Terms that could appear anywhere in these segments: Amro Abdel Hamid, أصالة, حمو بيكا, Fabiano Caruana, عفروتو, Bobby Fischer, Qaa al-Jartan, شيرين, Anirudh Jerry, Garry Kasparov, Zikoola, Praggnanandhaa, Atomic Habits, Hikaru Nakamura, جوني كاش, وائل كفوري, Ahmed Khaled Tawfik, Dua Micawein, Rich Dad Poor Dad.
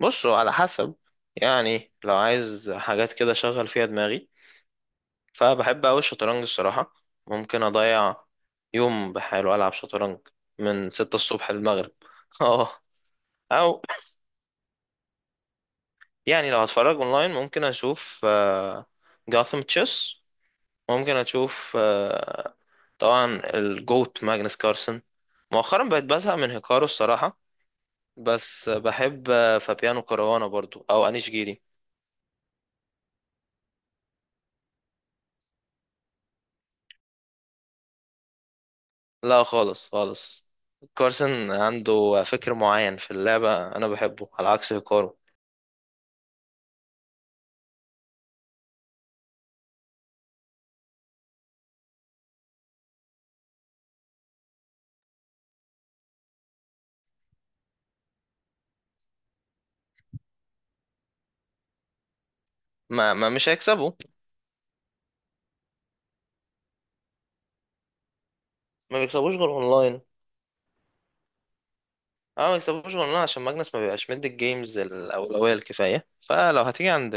بصوا، على حسب. يعني لو عايز حاجات كده شغل فيها دماغي، فبحب أوي الشطرنج الصراحة. ممكن أضيع يوم بحاله ألعب شطرنج من ستة الصبح للمغرب. اه. أو يعني لو هتفرج أونلاين ممكن أشوف جاثم تشيس. ممكن أشوف، طبعا الجوت ماجنس كارسن. مؤخرا بقيت بزهق من هيكارو الصراحة. بس بحب، فابيانو كاروانا برضو أو أنيش جيري. لا خالص خالص. كارسن عنده فكر معين في اللعبة، أنا بحبه على عكس هيكارو. ما مش هيكسبه. ما بيكسبوش غير أونلاين. أه، ما بيكسبوش غير أونلاين، عشان ماجنس ما بيبقاش مدي الجيمز الأولوية الكفاية. فلو هتيجي عند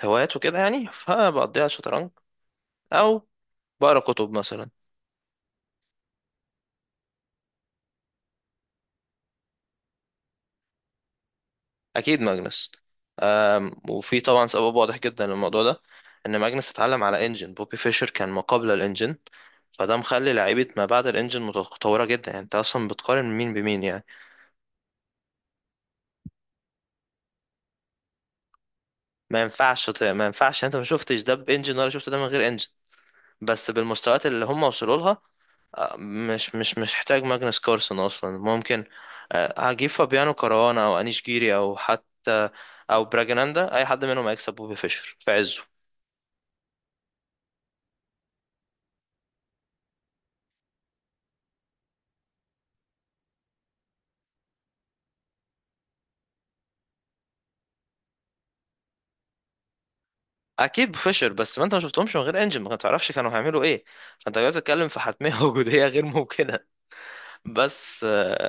الهوايات وكده، يعني فبقضيها شطرنج، أو بقرا كتب مثلا. اكيد ماجنس. وفي طبعا سبب واضح جدا للموضوع ده، ان ماجنس اتعلم على انجن، بوبي فيشر كان ما قبل الانجن، فده مخلي لعيبه ما بعد الانجن متطوره جدا. يعني انت اصلا بتقارن مين بمين يعني. ما ينفعش. يعني انت ما شفتش ده بانجن ولا شفت ده من غير انجن، بس بالمستويات اللي هم وصلوا لها. أه، مش محتاج ماجنس كارسون اصلا. ممكن، أه، هجيب فابيانو كاروانا او انيش جيري او حتى او براجناندا، اي حد منهم هيكسب بوبي فيشر في عزه. اكيد بفشر. بس ما انت ما شفتهمش من غير انجن، ما تعرفش كانوا هيعملوا ايه. فانت جاي بتتكلم في حتميه وجوديه غير ممكنه. بس،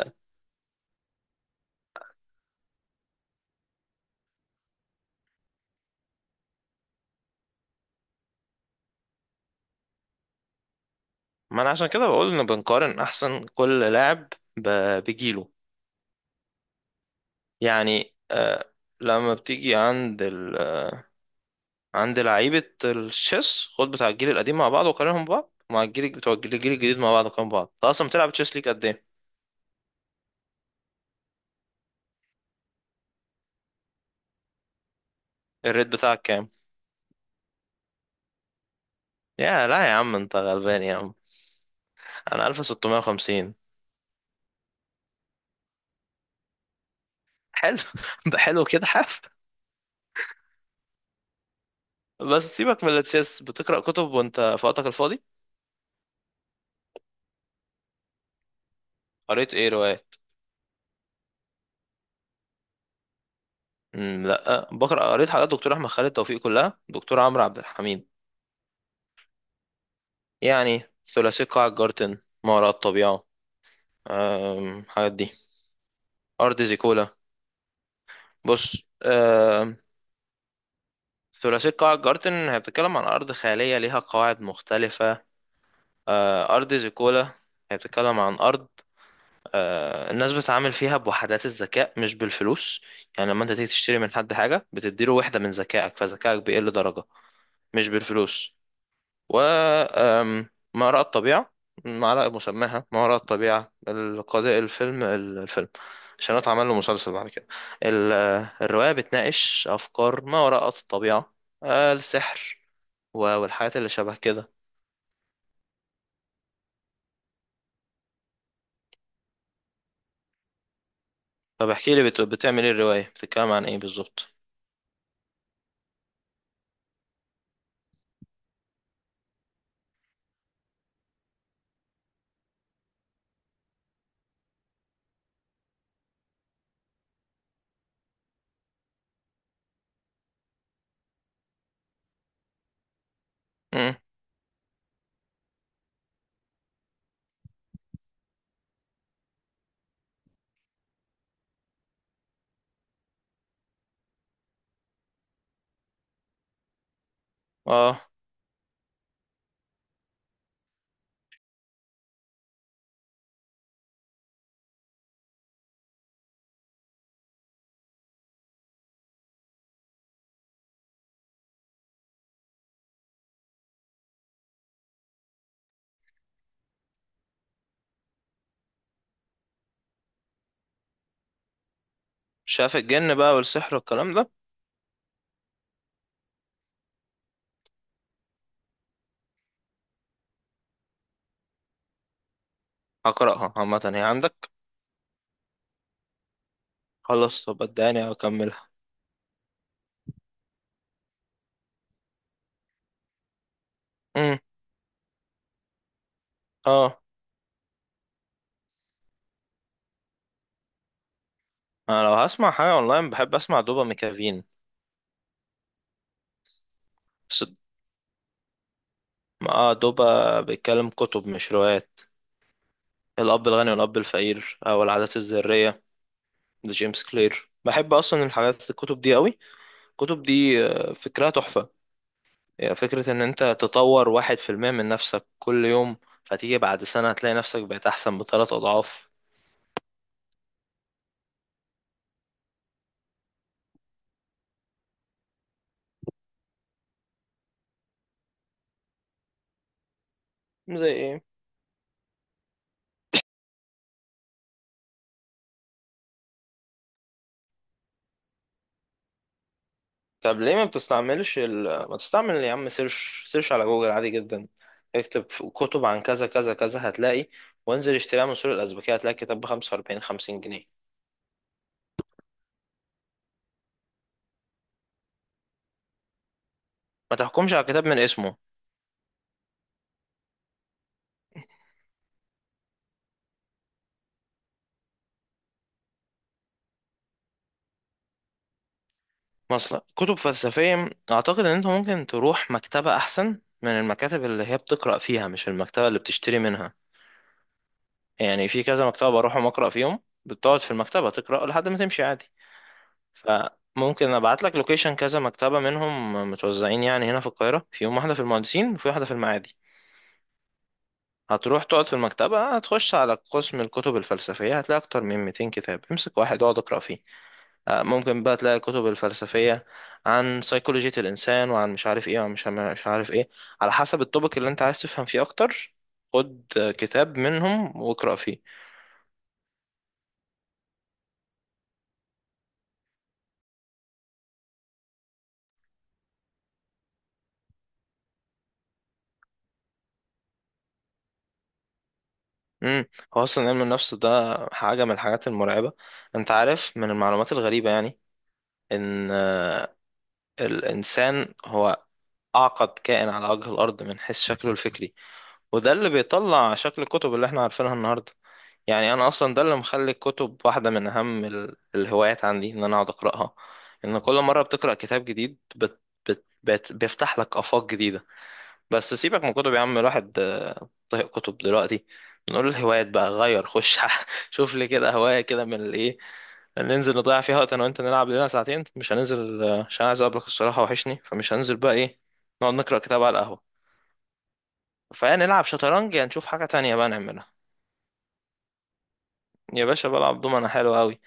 ما انا عشان كده بقول ان بنقارن احسن كل لاعب بجيله. يعني، لما بتيجي عند عند لعيبه الشيس، خد بتاع الجيل القديم مع بعض وقارنهم ببعض، مع الجيل بتوع الجيل الجديد مع بعض وقارنهم ببعض. انت اصلا بتلعب تشيس ليك قد ايه؟ الريت بتاعك كام؟ يا لا يا عم، انت غلبان يا عم. انا 1650. حلو. ده حلو كده حاف. بس سيبك من التشيس، بتقرأ كتب وانت في وقتك الفاضي؟ قريت ايه روايات؟ لا بقرأ، قريت حاجات دكتور احمد خالد توفيق كلها، دكتور عمرو عبد الحميد. يعني ثلاثي قاع الجارتن، ما وراء الطبيعة، الحاجات دي. أرض زيكولا. بص، أم، ثلاثي قاع الجارتن هي بتتكلم عن أرض خيالية ليها قواعد مختلفة. أرض زيكولا هي بتتكلم عن أرض، الناس بتتعامل فيها بوحدات الذكاء مش بالفلوس. يعني لما انت تيجي تشتري من حد حاجة، بتديله وحدة من ذكائك، فذكائك بيقل درجة، مش بالفلوس. و ما وراء الطبيعة، معلقة مسماها ما وراء الطبيعة القضاء الفيلم الفيلم، عشان اتعمل له مسلسل بعد كده. ال- الرواية بتناقش أفكار ما وراء الطبيعة، السحر والحاجات اللي شبه كده. طب احكي لي بتعمل ايه؟ الرواية بتتكلم عن ايه بالظبط؟ مم. اه، شاف الجن بقى والسحر والكلام ده. هقرأها عامة، هي عندك؟ خلاص طب اداني هكملها. امم، اه. انا لو هسمع حاجة اونلاين بحب اسمع دوبا ميكافين. بس اه، دوبا بيتكلم كتب مش روايات. الأب الغني والأب الفقير، أو العادات الذرية لجيمس كلير. بحب أصلا الحاجات الكتب دي قوي. الكتب دي، فكرها تحفة. يعني فكرة إن أنت تطور واحد في المية من نفسك كل يوم، فتيجي بعد سنة هتلاقي نفسك بقيت أحسن بثلاث أضعاف. زي ايه؟ طب ليه ما بتستعملش ما تستعمل يا عم سيرش؟ سيرش على جوجل عادي جدا. اكتب كتب عن كذا كذا كذا، هتلاقي. وانزل اشتريها من سوق الأزبكية، هتلاقي كتاب ب 45 50 جنيه. ما تحكمش على كتاب من اسمه. مثلا كتب فلسفية، أعتقد إن أنت ممكن تروح مكتبة أحسن من المكاتب اللي هي بتقرأ فيها، مش المكتبة اللي بتشتري منها. يعني في كذا مكتبة بروحهم أقرأ فيهم. بتقعد في المكتبة تقرأ لحد ما تمشي عادي. فممكن ابعت لك لوكيشن كذا مكتبة منهم، متوزعين يعني هنا في القاهرة، فيهم واحدة في المهندسين وفي واحدة في المعادي. هتروح تقعد في المكتبة، هتخش على قسم الكتب الفلسفية، هتلاقي أكتر من 200 كتاب. امسك واحد اقعد اقرأ فيه. ممكن بقى تلاقي كتب الفلسفية عن سيكولوجية الإنسان، وعن مش عارف ايه، وعن مش عارف ايه، على حسب التوبيك اللي انت عايز تفهم فيه أكتر. خد، كتاب منهم واقرأ فيه. امم، هو أصلا علم النفس ده حاجة من الحاجات المرعبة. انت عارف من المعلومات الغريبة، يعني إن، الإنسان هو أعقد كائن على وجه الأرض من حيث شكله الفكري. وده اللي بيطلع شكل الكتب اللي احنا عارفينها النهاردة. يعني أنا أصلا ده اللي مخلي الكتب واحدة من أهم الهوايات عندي، إن أنا أقعد أقرأها. إن كل مرة بتقرأ كتاب جديد، بت بت بت بيفتح لك آفاق جديدة. بس سيبك من كتب يا عم، الواحد، طهق كتب دلوقتي. نقول الهوايات بقى غير خش. شوف لي كده هواية كده من الايه، ننزل نضيع فيها وقت انا وانت، نلعب لنا ساعتين. مش هننزل، عشان عايز اقابلك الصراحة، وحشني، فمش هننزل بقى ايه، نقعد نقرأ كتاب على القهوة. فنلعب شطرنج، يا نشوف حاجة تانية بقى نعملها. يا باشا بلعب دومنة حلو قوي.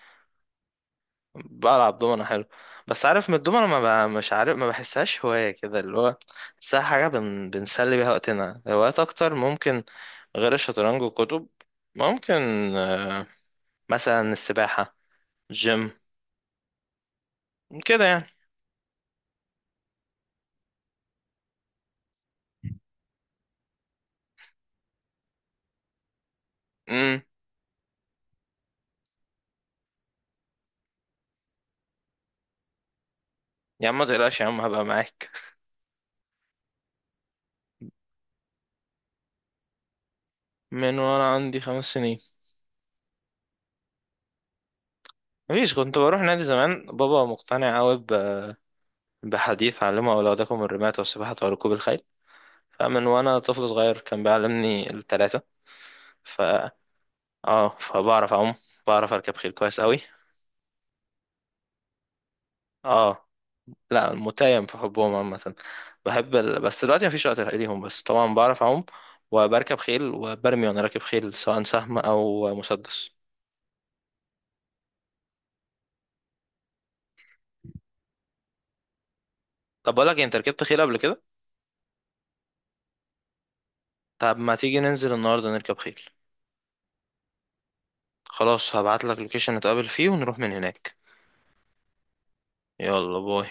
بلعب دومنة حلو. بس عارف من الدومنة ما ب... مش عارف ما بحسهاش هواية كده اللي هو، بحسها حاجة بنسلي بيها وقتنا. هوايات أكتر ممكن غير الشطرنج والكتب، ممكن، آه، مثلا السباحة، جيم كده يعني. امم، يا عم ما تقلقش يا عم، هبقى معاك. من وانا عندي خمس سنين. مفيش، كنت بروح نادي زمان. بابا مقتنع قوي بحديث علمه أولادكم الرماية والسباحة وركوب الخيل. فمن وانا طفل صغير كان بيعلمني التلاتة. ف اه، فبعرف اعوم، بعرف اركب خيل كويس قوي. اه لا، متيم في حبهم عامه. بحب بس دلوقتي مفيش وقت ليهم، بس طبعا بعرف اعوم، وبركب خيل، وبرمي وانا راكب خيل، سواء سهم او مسدس. طب بقول لك إيه، انت ركبت خيل قبل كده؟ طب ما تيجي ننزل النهارده نركب خيل. خلاص هبعت لك لوكيشن نتقابل فيه ونروح من هناك. يلا باي.